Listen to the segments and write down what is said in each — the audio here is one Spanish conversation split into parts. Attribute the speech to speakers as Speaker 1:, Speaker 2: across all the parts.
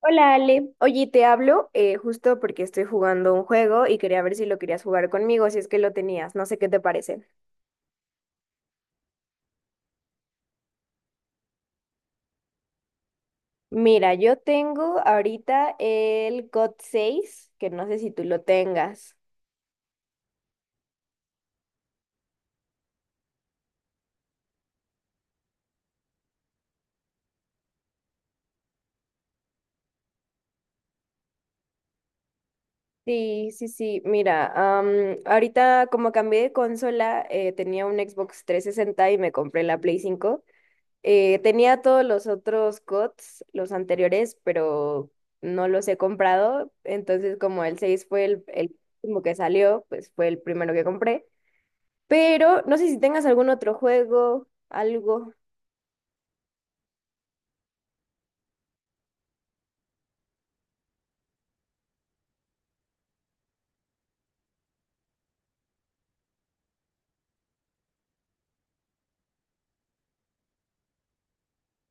Speaker 1: Hola Ale, oye, te hablo justo porque estoy jugando un juego y quería ver si lo querías jugar conmigo, si es que lo tenías, no sé qué te parece. Mira, yo tengo ahorita el COD 6, que no sé si tú lo tengas. Sí, sí, sí, mira, ahorita como cambié de consola, tenía un Xbox 360 y me compré la Play 5. Tenía todos los otros COTS, los anteriores, pero no los he comprado. Entonces, como el 6 fue el último que salió, pues fue el primero que compré. Pero no sé si tengas algún otro juego, algo.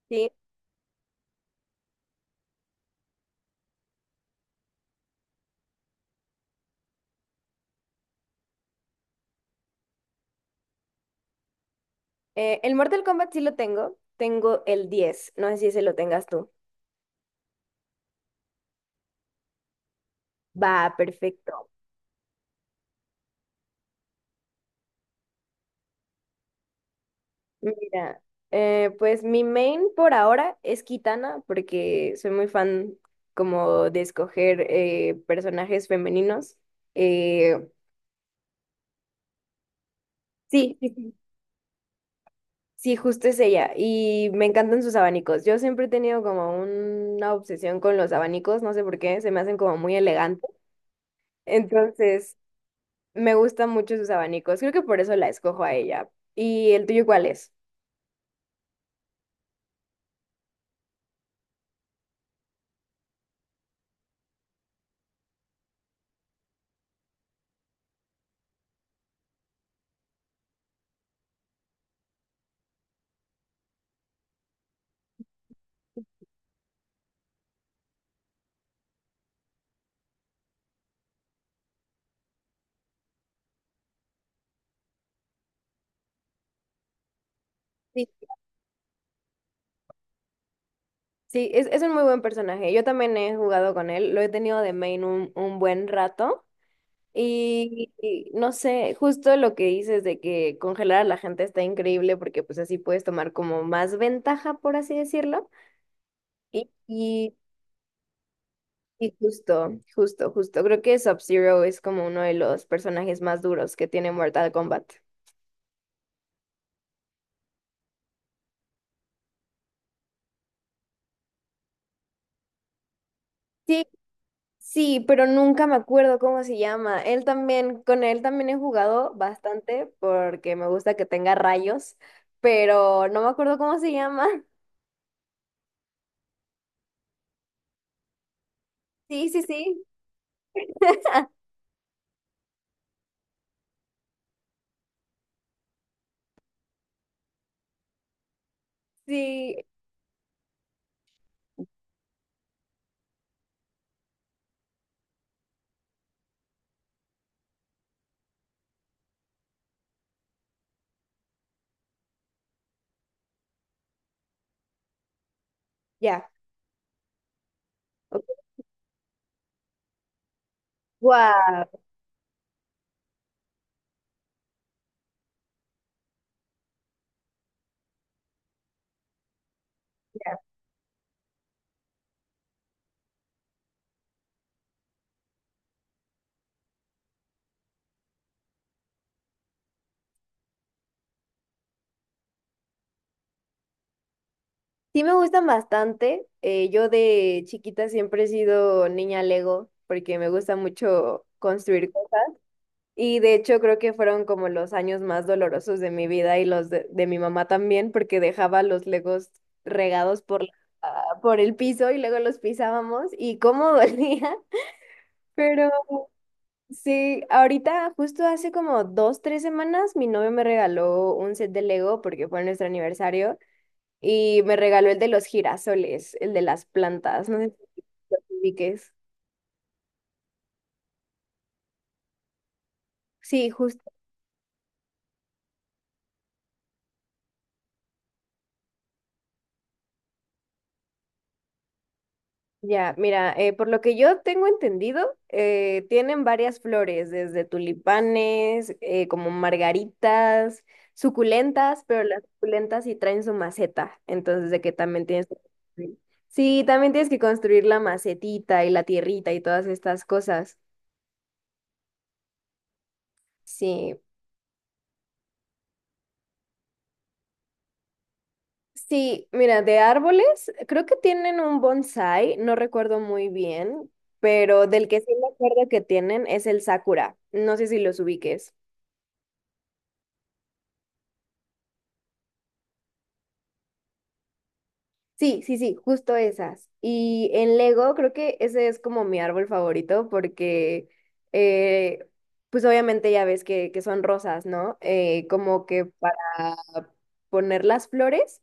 Speaker 1: Sí. El Mortal Kombat sí lo tengo. Tengo el diez. No sé si ese lo tengas tú. Va, perfecto. Mira, pues mi main por ahora es Kitana, porque soy muy fan como de escoger personajes femeninos. Eh, sí, sí, sí, sí, justo es ella. Y me encantan sus abanicos. Yo siempre he tenido como una obsesión con los abanicos, no sé por qué, se me hacen como muy elegantes. Entonces, me gustan mucho sus abanicos. Creo que por eso la escojo a ella. ¿Y el tuyo cuál es? Sí, es un muy buen personaje. Yo también he jugado con él. Lo he tenido de main un buen rato. Y no sé, justo lo que dices de que congelar a la gente está increíble porque pues así puedes tomar como más ventaja, por así decirlo. Y, y, y justo, justo, justo. Creo que Sub-Zero es como uno de los personajes más duros que tiene Mortal Kombat. Sí. Sí, pero nunca me acuerdo cómo se llama. Él también, con él también he jugado bastante porque me gusta que tenga rayos, pero no me acuerdo cómo se llama. Sí, sí, sí, sí, ya. Wow. Sí, me gustan bastante. Yo de chiquita siempre he sido niña Lego porque me gusta mucho construir. Y de hecho creo que fueron como los años más dolorosos de mi vida y los de mi mamá también, porque dejaba los legos regados por, ah, por el piso y luego los pisábamos y cómo dolía. Pero sí, ahorita justo hace como dos, tres semanas mi novio me regaló un set de Lego porque fue nuestro aniversario y me regaló el de los girasoles, el de las plantas, no sé si lo ubiques. Sí, ya, mira, por lo que yo tengo entendido, tienen varias flores, desde tulipanes, como margaritas, suculentas, pero las suculentas sí traen su maceta, entonces de que también tienes que construir. Sí, también tienes que construir la macetita y la tierrita y todas estas cosas. Sí, sí, mira, de árboles, creo que tienen un bonsai, no recuerdo muy bien, pero del que sí me acuerdo que tienen es el sakura, no sé si los ubiques. Sí, sí, sí, justo esas. Y en Lego creo que ese es como mi árbol favorito porque, eh, pues obviamente ya ves que son rosas, ¿no? Como que para poner las flores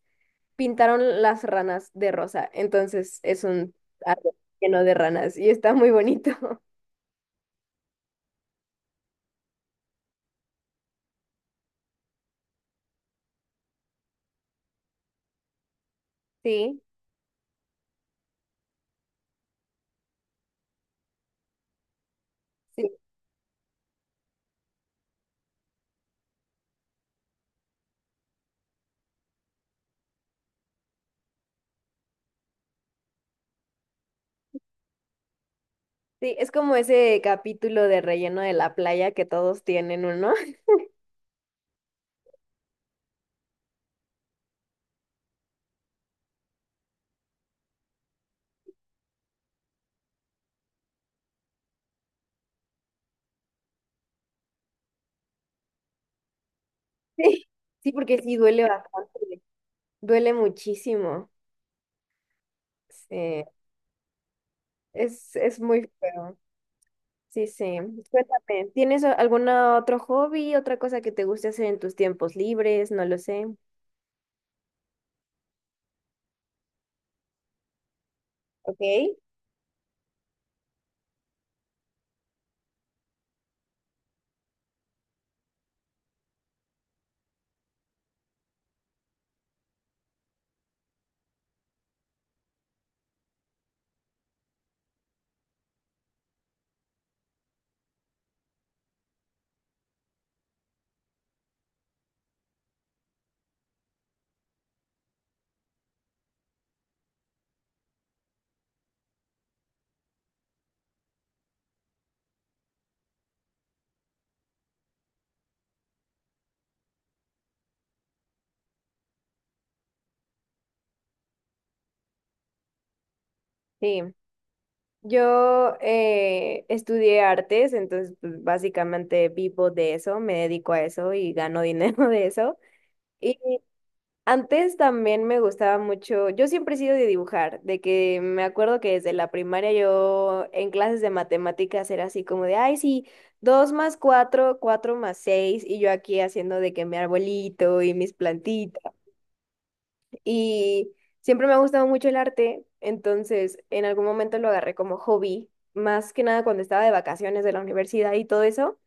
Speaker 1: pintaron las ranas de rosa. Entonces es un árbol lleno de ranas y está muy bonito. Sí, sí, sí, es como ese capítulo de relleno de la playa que todos tienen uno. Sí, sí, porque sí duele bastante, duele muchísimo. Sí. Es muy feo. Sí, sí. Cuéntame, ¿tienes algún otro hobby, otra cosa que te guste hacer en tus tiempos libres? No lo sé. Ok. Sí. Yo estudié artes, entonces pues, básicamente vivo de eso, me dedico a eso y gano dinero de eso. Antes también me gustaba mucho, yo siempre he sido de dibujar, de que me acuerdo que desde la primaria yo en clases de matemáticas era así como de, ay, sí, dos más cuatro, cuatro más seis, y yo aquí haciendo de que mi arbolito y mis plantitas. Y siempre me ha gustado mucho el arte, entonces en algún momento lo agarré como hobby, más que nada cuando estaba de vacaciones de la universidad y todo eso,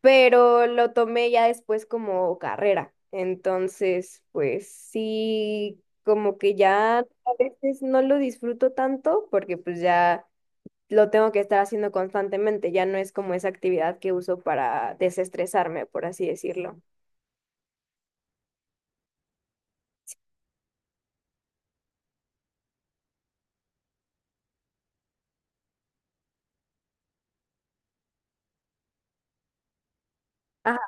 Speaker 1: pero lo tomé ya después como carrera. Entonces, pues sí, como que ya a veces no lo disfruto tanto porque pues ya lo tengo que estar haciendo constantemente, ya no es como esa actividad que uso para desestresarme, por así decirlo. Ajá,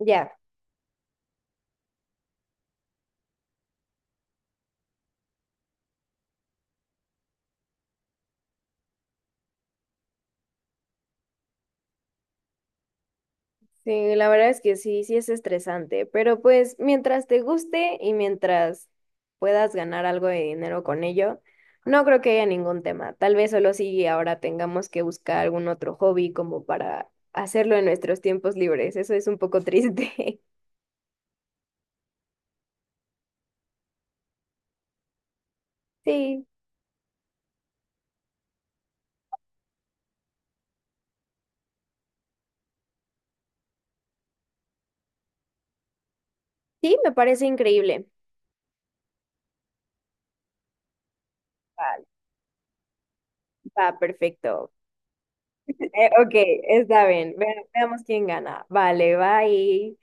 Speaker 1: ya. Sí, la verdad es que sí, sí es estresante, pero pues mientras te guste y mientras puedas ganar algo de dinero con ello, no creo que haya ningún tema. Tal vez solo si ahora tengamos que buscar algún otro hobby como para hacerlo en nuestros tiempos libres. Eso es un poco triste. Sí, sí, me parece increíble. Vale, va, perfecto. Ok, está bien. Veamos quién gana. Vale, bye.